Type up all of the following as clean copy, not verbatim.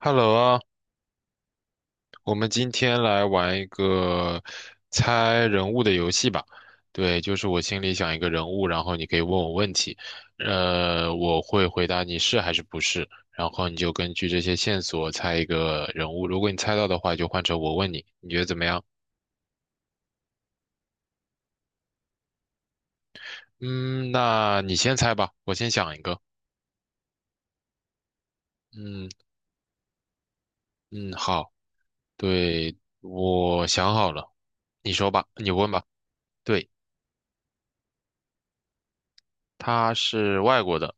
Hello 啊，我们今天来玩一个猜人物的游戏吧。对，就是我心里想一个人物，然后你可以问我问题，我会回答你是还是不是，然后你就根据这些线索猜一个人物。如果你猜到的话，就换成我问你，你觉得怎么样？嗯，那你先猜吧，我先想一个。嗯嗯，好，对，我想好了，你说吧，你问吧。对，他是外国的，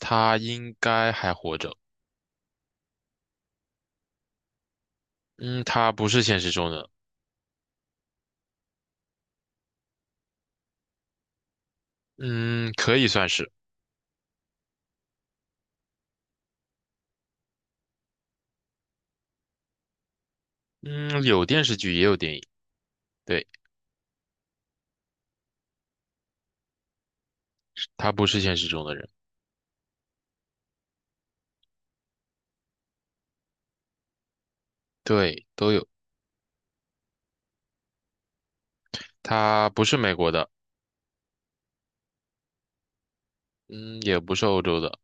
他应该还活着。嗯，他不是现实中的，嗯，可以算是，嗯，有电视剧也有电影，对，他不是现实中的人，对，都有，他不是美国的，嗯，也不是欧洲的，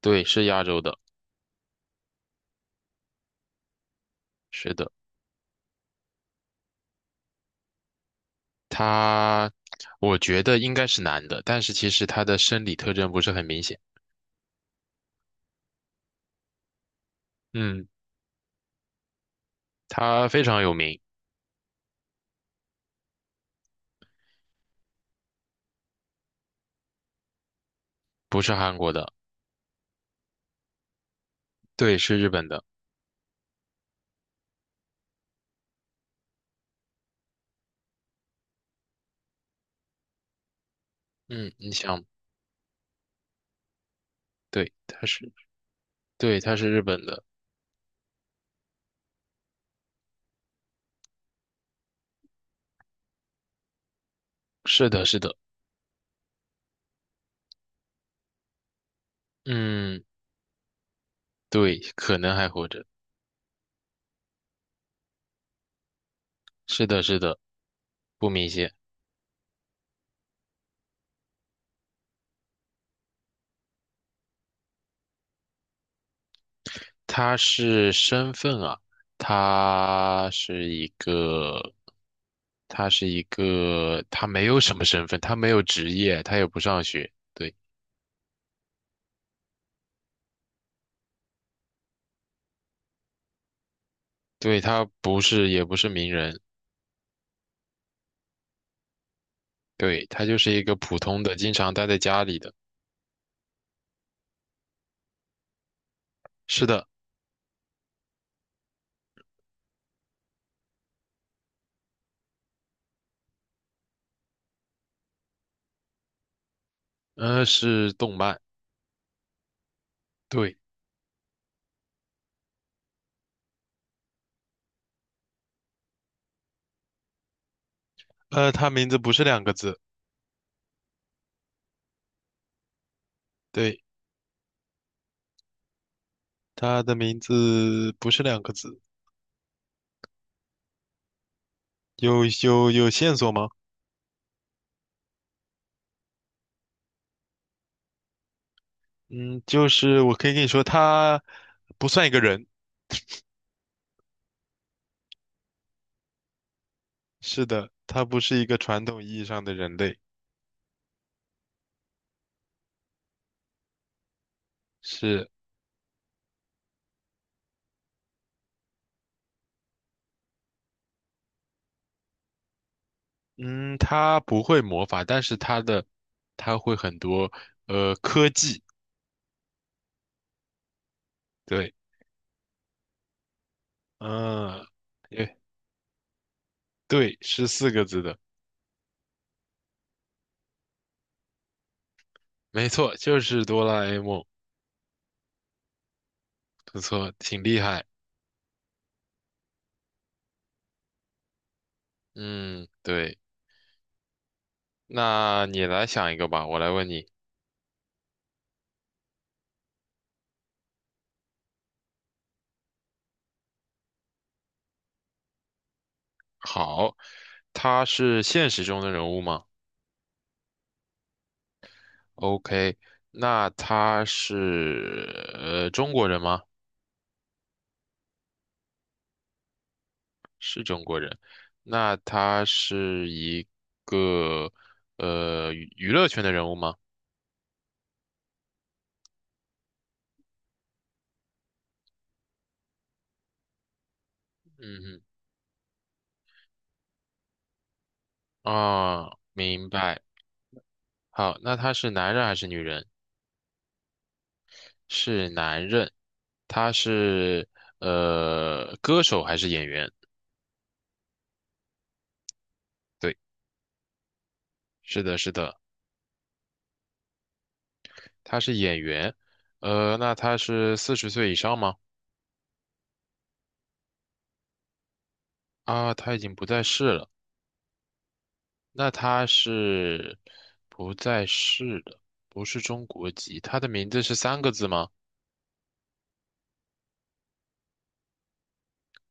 对，是亚洲的，是的，他，我觉得应该是男的，但是其实他的生理特征不是很明显，嗯，他非常有名，不是韩国的，对，是日本的，嗯，你想，对，他是，对，他是日本的，是的，是的，嗯，对，可能还活着。是的，是的，不明显。他是身份啊，他是一个，他是一个，他没有什么身份，他没有职业，他也不上学，对，对，他不是，也不是名人，对，他就是一个普通的，经常待在家里的。是的，是动漫，对，他名字不是两个字，对，他的名字不是两个字，有线索吗？嗯，就是我可以跟你说，他不算一个人，是的，他不是一个传统意义上的人类，是，嗯，他不会魔法，但是他的他会很多科技，对，嗯，对，对，是四个字的，没错，就是哆啦 A 梦，不错，挺厉害，嗯，对，那你来想一个吧，我来问你，好，他是现实中的人物吗？OK，那他是中国人吗？是中国人。那他是一个呃娱娱乐圈的人物吗？嗯嗯啊，明白。好，那他是男人还是女人？是男人。他是歌手还是演员？对，是的，是的，他是演员。那他是四十岁以上吗？啊，他已经不在世了。那他是不在世的，不是中国籍。他的名字是三个字吗？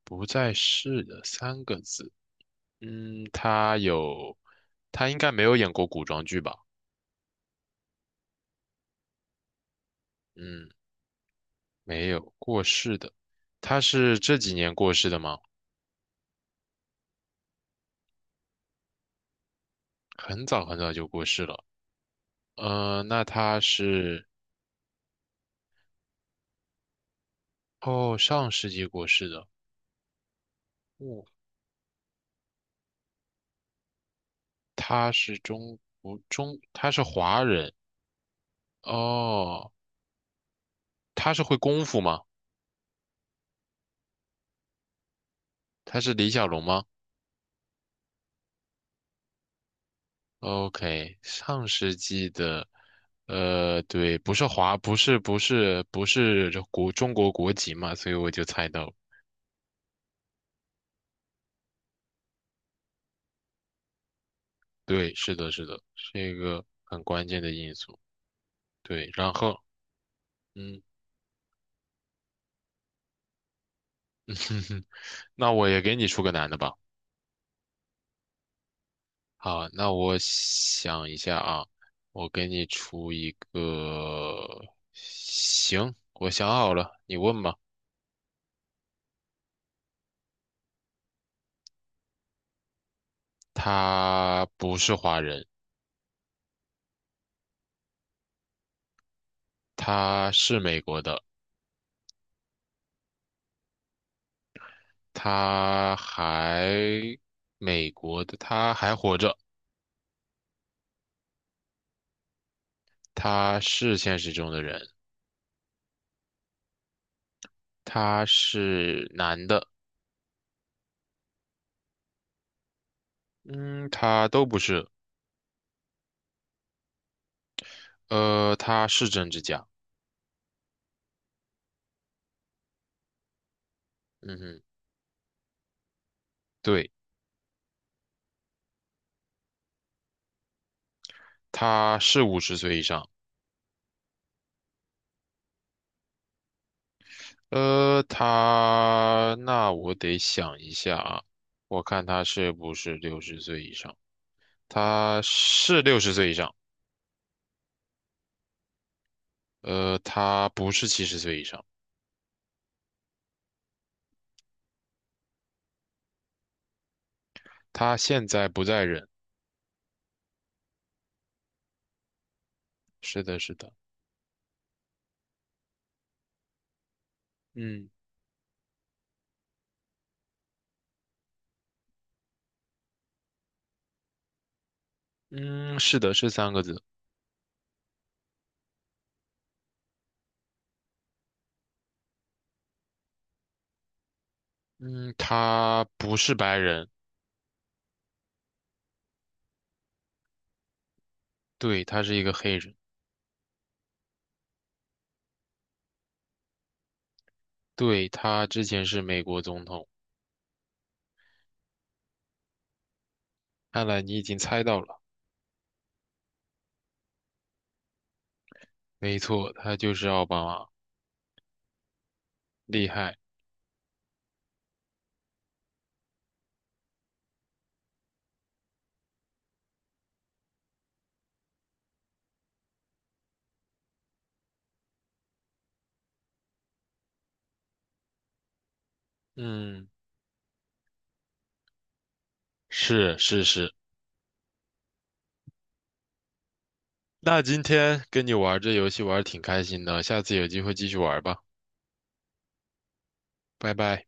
不在世的三个字。嗯，他有，他应该没有演过古装剧吧？嗯，没有，过世的。他是这几年过世的吗？很早很早就过世了。嗯，那他是，哦，上世纪过世的。哦，他是中国中，他是华人。哦，他是会功夫吗？他是李小龙吗？OK，上世纪的，呃，对，不是华，不是中国国籍嘛，所以我就猜到了对，是的，是的，是一个很关键的因素。对，然后，嗯，那我也给你出个难的吧。好，那我想一下啊，我给你出一个，行，我想好了，你问吧。他不是华人，他是美国的。他还美国的，他还活着，他是现实中的人，他是男的，嗯，他都不是，他是政治家，嗯哼，对，他是五十岁以上，他那我得想一下啊，我看他是不是六十岁以上，他是六十岁以上，他不是七十岁以上，他现在不在人，是的，是的，嗯。嗯，是的，是三个字。嗯，他不是白人，对，他是一个黑人，对，他之前是美国总统。看来你已经猜到了，没错，他就是奥巴马，厉害。嗯，是是是。那今天跟你玩这游戏玩得挺开心的，下次有机会继续玩吧，拜拜。